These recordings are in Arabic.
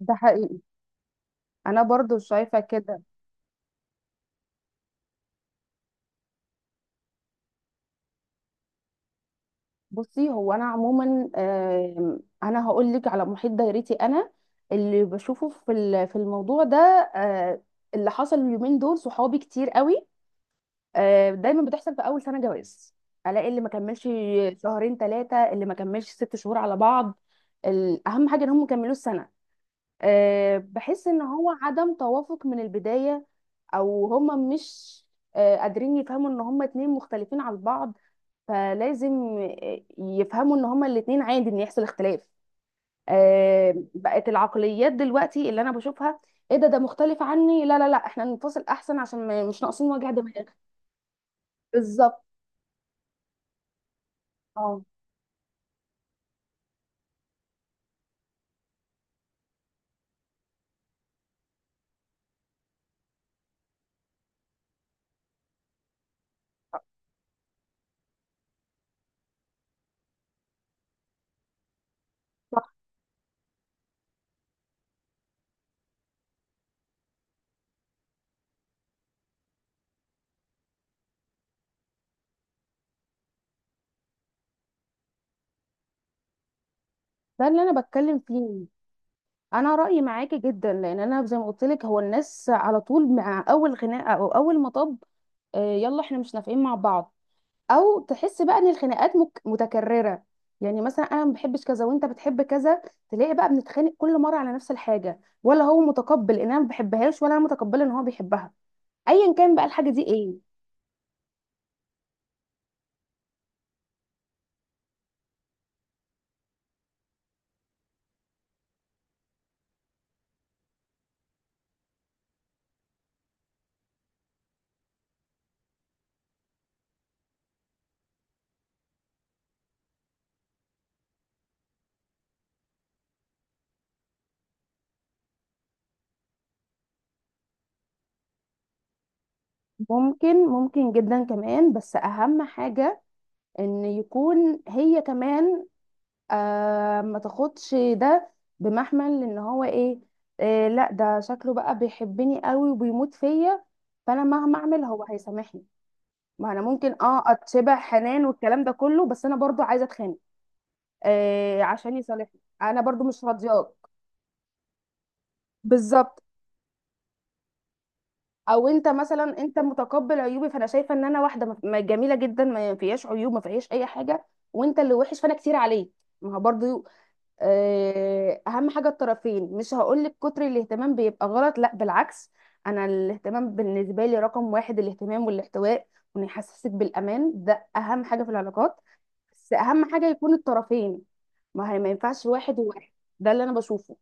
ده حقيقي. انا برضو شايفه كده. بصي، هو انا عموما انا هقول لك على محيط دايرتي. انا اللي بشوفه في في الموضوع ده. آه، اللي حصل اليومين دول صحابي كتير قوي. دايما بتحصل في اول سنه جواز. الاقي اللي ما كملش شهرين ثلاثه، اللي ما كملش 6 شهور على بعض. اهم حاجه ان هم كملوا السنه. بحس ان هو عدم توافق من البدايه، او هم مش قادرين يفهموا ان هم اتنين مختلفين عن بعض. فلازم يفهموا ان هما الاتنين عادي ان يحصل اختلاف. بقت العقليات دلوقتي اللي انا بشوفها: ايه ده مختلف عني، لا لا لا، احنا ننفصل احسن عشان مش ناقصين وجع دماغ. بالظبط. اه صح، ده اللي انا بتكلم فيه. انا رايي معاكي جدا، لان انا زي ما قلت لك، هو الناس على طول مع اول خناقه او اول مطب يلا احنا مش نافقين مع بعض، او تحس بقى ان الخناقات متكرره. يعني مثلا انا ما بحبش كذا وانت بتحب كذا، تلاقي بقى بنتخانق كل مره على نفس الحاجه، ولا هو متقبل ان انا ما بحبهاش ولا انا متقبله ان هو بيحبها، ايا كان بقى الحاجه دي ايه. ممكن، ممكن جدا كمان، بس اهم حاجه ان يكون هي كمان ما تاخدش ده بمحمل ان هو ايه، لا ده شكله بقى بيحبني قوي وبيموت فيا، فانا مهما اعمل هو هيسامحني. ما انا ممكن اتشبع حنان والكلام ده كله، بس انا برضو عايزه اتخانق عشان يصالحني، انا برضو مش راضياك. بالظبط. او انت مثلا انت متقبل عيوبي، فانا شايفه ان انا واحده جميله جدا، ما فيهاش عيوب ما فيهاش اي حاجه، وانت اللي وحش فانا كتير عليك. ما هو برضو اهم حاجه الطرفين. مش هقولك كتر الاهتمام بيبقى غلط، لا بالعكس، انا الاهتمام بالنسبه لي رقم واحد، الاهتمام والاحتواء وان يحسسك بالامان، ده اهم حاجه في العلاقات. بس اهم حاجه يكون الطرفين، ما هي ما ينفعش واحد وواحد. ده اللي انا بشوفه.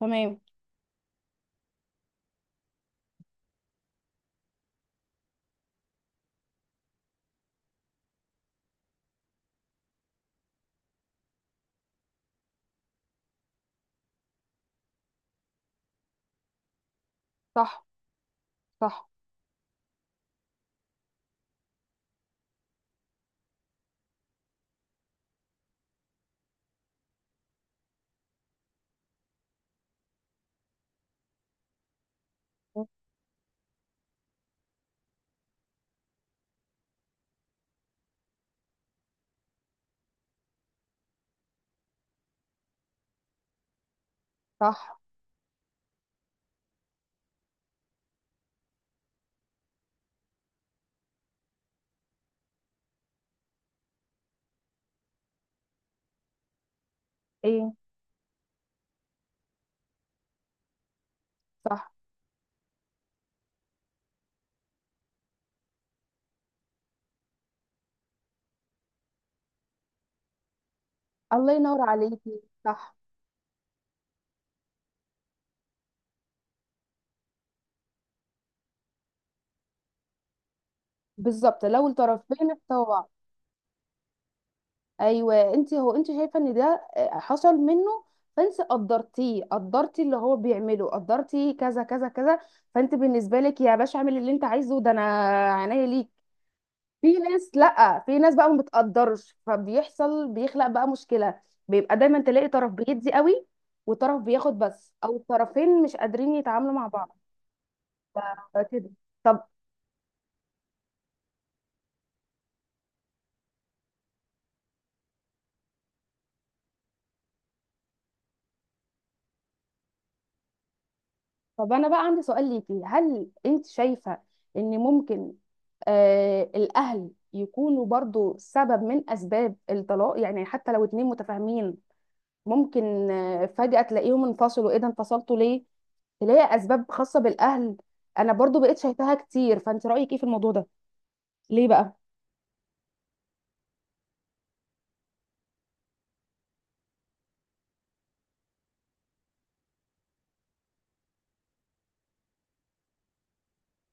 تمام. صح، صح، صح. ايه صح. الله ينور عليكي. صح، بالظبط لو الطرفين احتوى. ايوه، انت هو انت شايفه ان ده حصل منه، فانت قدرتيه، قدرتي اللي هو بيعمله، قدرتي كذا كذا كذا، فانت بالنسبه لك يا باشا اعمل اللي انت عايزه، ده انا عينيا ليك. في ناس، لا، في ناس بقى ما بتقدرش، فبيحصل بيخلق بقى مشكله. بيبقى دايما تلاقي طرف بيدي قوي وطرف بياخد بس، او الطرفين مش قادرين يتعاملوا مع بعض كده. طب انا بقى عندي سؤال ليكي، هل انت شايفة ان ممكن الاهل يكونوا برضو سبب من اسباب الطلاق؟ يعني حتى لو اتنين متفاهمين ممكن فجأة تلاقيهم انفصلوا، ايه ده انفصلتوا ليه؟ تلاقي اسباب خاصة بالاهل. انا برضو بقيت شايفاها كتير، فانت رأيك ايه في الموضوع ده؟ ليه بقى؟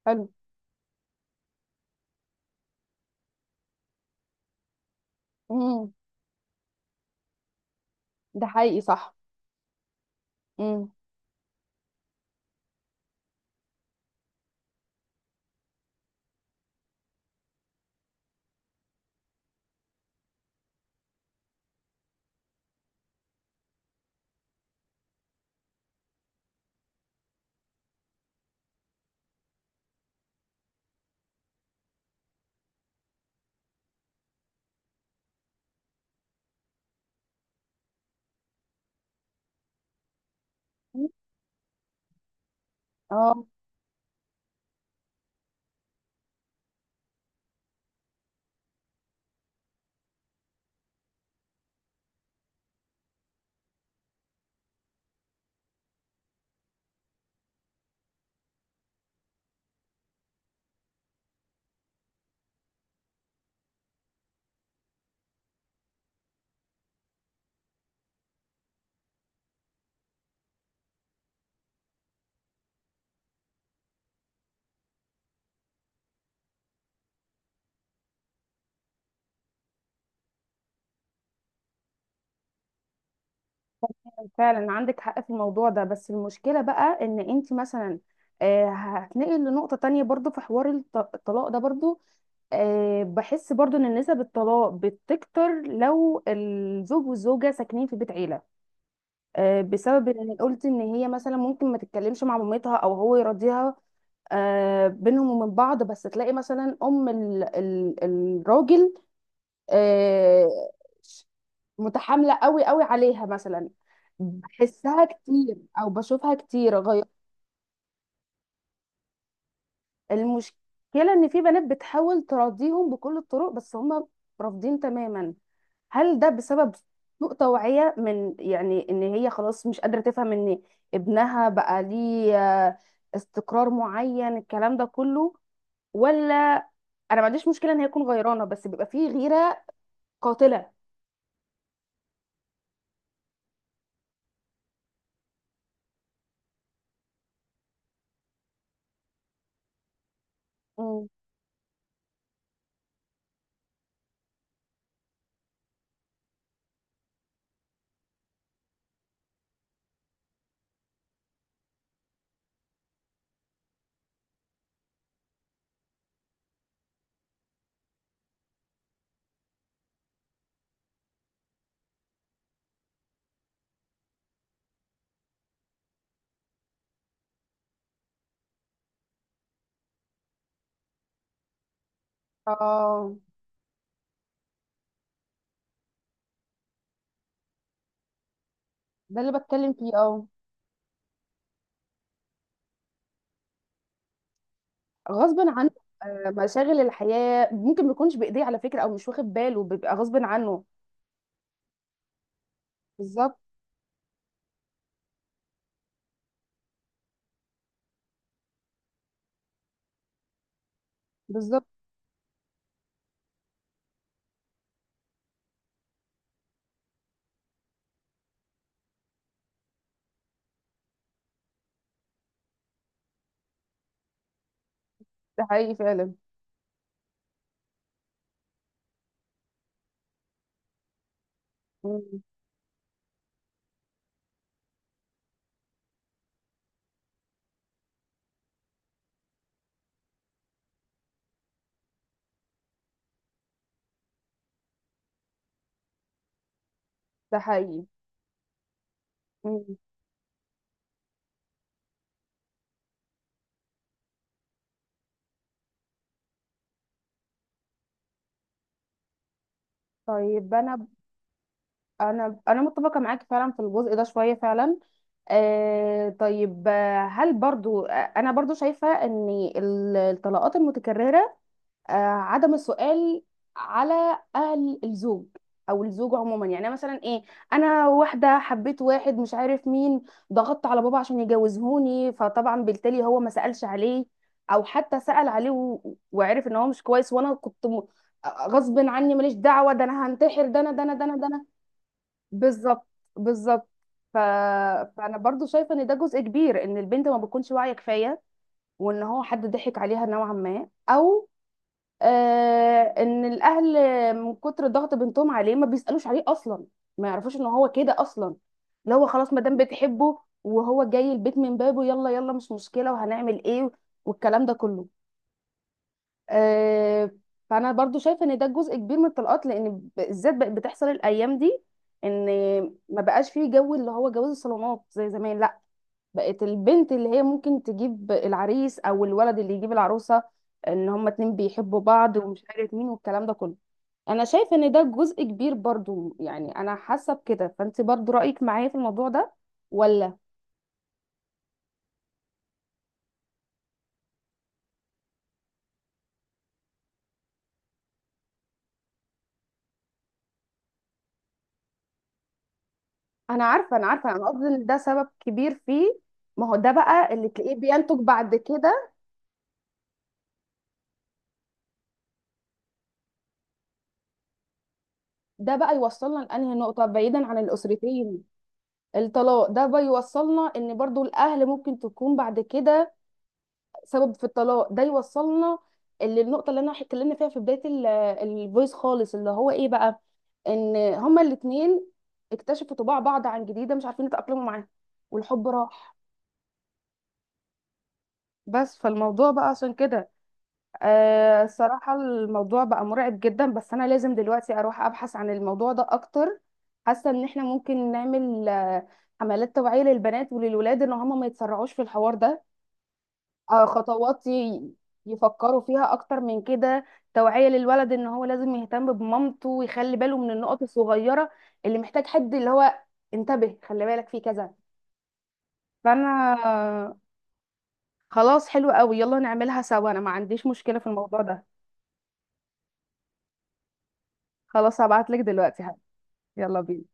حلو. امم ده حقيقي صح. امم اه فعلا عندك حق في الموضوع ده. بس المشكلة بقى ان انت مثلا هتنقل لنقطة تانية برضو في حوار الطلاق ده برضو. بحس برضو ان نسب الطلاق بتكتر لو الزوج والزوجة ساكنين في بيت عيلة، بسبب ان قلت ان هي مثلا ممكن ما تتكلمش مع مامتها او هو يراضيها بينهم وبين بعض. بس تلاقي مثلا ام الراجل آه، متحاملة قوي قوي عليها مثلا، بحسها كتير او بشوفها كتير غير. المشكلة ان في بنات بتحاول تراضيهم بكل الطرق بس هم رافضين تماما. هل ده بسبب سوء توعية، من يعني ان هي خلاص مش قادرة تفهم ان ابنها بقى ليه آه، استقرار معين، الكلام ده كله؟ ولا انا ما عنديش مشكلة ان هي تكون غيرانة، بس بيبقى فيه غيرة قاتلة. مم. اه، ده اللي بتكلم فيه. اه غصب عنه، مشاغل الحياة ممكن ما يكونش بإيديه على فكرة، أو مش واخد باله، بيبقى غصب عنه. بالظبط. بالظبط. ده حقيقي فعلا. مم. ده حقيقي. مم. طيب، أنا متفقة معاك فعلا في الجزء ده شوية فعلا. طيب، هل برضو أنا برضو شايفة إن الطلاقات المتكررة آه، عدم السؤال على اهل الزوج او الزوج عموما. يعني مثلا ايه، انا واحده حبيت واحد مش عارف مين، ضغطت على بابا عشان يجوزهوني، فطبعا بالتالي هو ما سالش عليه، او حتى سال عليه وعرف ان هو مش كويس، وانا كنت غصب عني ماليش دعوه، ده انا هنتحر، ده انا، ده انا، ده انا، ده انا. بالظبط. بالظبط. ف... فانا برضو شايفه ان ده جزء كبير، ان البنت ما بتكونش واعيه كفايه، وان هو حد ضحك عليها نوعا ما، او ان الاهل من كتر ضغط بنتهم عليه ما بيسالوش عليه اصلا، ما يعرفوش ان هو كده اصلا، اللي هو خلاص ما دام بتحبه وهو جاي البيت من بابه، يلا يلا مش مشكله وهنعمل ايه، والكلام ده كله. آه فانا برضو شايفه ان ده جزء كبير من الطلاقات، لان بالذات بقت بتحصل الايام دي، ان ما بقاش فيه جو اللي هو جواز الصالونات زي زمان، لا بقت البنت اللي هي ممكن تجيب العريس او الولد اللي يجيب العروسه، ان هما اتنين بيحبوا بعض ومش عارف مين والكلام ده كله. انا شايفه ان ده جزء كبير برضو، يعني انا حاسه بكده، فانت برضو رايك معايا في الموضوع ده ولا؟ انا عارفه، انا عارفه، انا قصدي ان ده سبب كبير فيه. ما هو ده بقى اللي تلاقيه بينتج بعد كده. ده بقى يوصلنا لانهي نقطه، بعيدا عن الاسرتين الطلاق ده بقى يوصلنا ان برضو الاهل ممكن تكون بعد كده سبب في الطلاق. ده يوصلنا للنقطه اللي انا اتكلمنا فيها في بدايه الفويس خالص، اللي هو ايه بقى، ان هما الاثنين اكتشفوا طباع بعض عن جديده، مش عارفين يتاقلموا معاها والحب راح. بس فالموضوع بقى عشان كده الصراحه، الموضوع بقى مرعب جدا، بس انا لازم دلوقتي اروح ابحث عن الموضوع ده اكتر. حاسه ان احنا ممكن نعمل حملات توعيه للبنات وللولاد ان هم ما يتسرعوش في الحوار ده، خطوات يفكروا فيها اكتر من كده. توعية للولد ان هو لازم يهتم بمامته ويخلي باله من النقط الصغيرة، اللي محتاج حد اللي هو انتبه خلي بالك في كذا. فانا آه، خلاص حلو قوي، يلا نعملها سوا، انا ما عنديش مشكلة في الموضوع ده. خلاص، هبعت لك دلوقتي حالا. يلا بينا.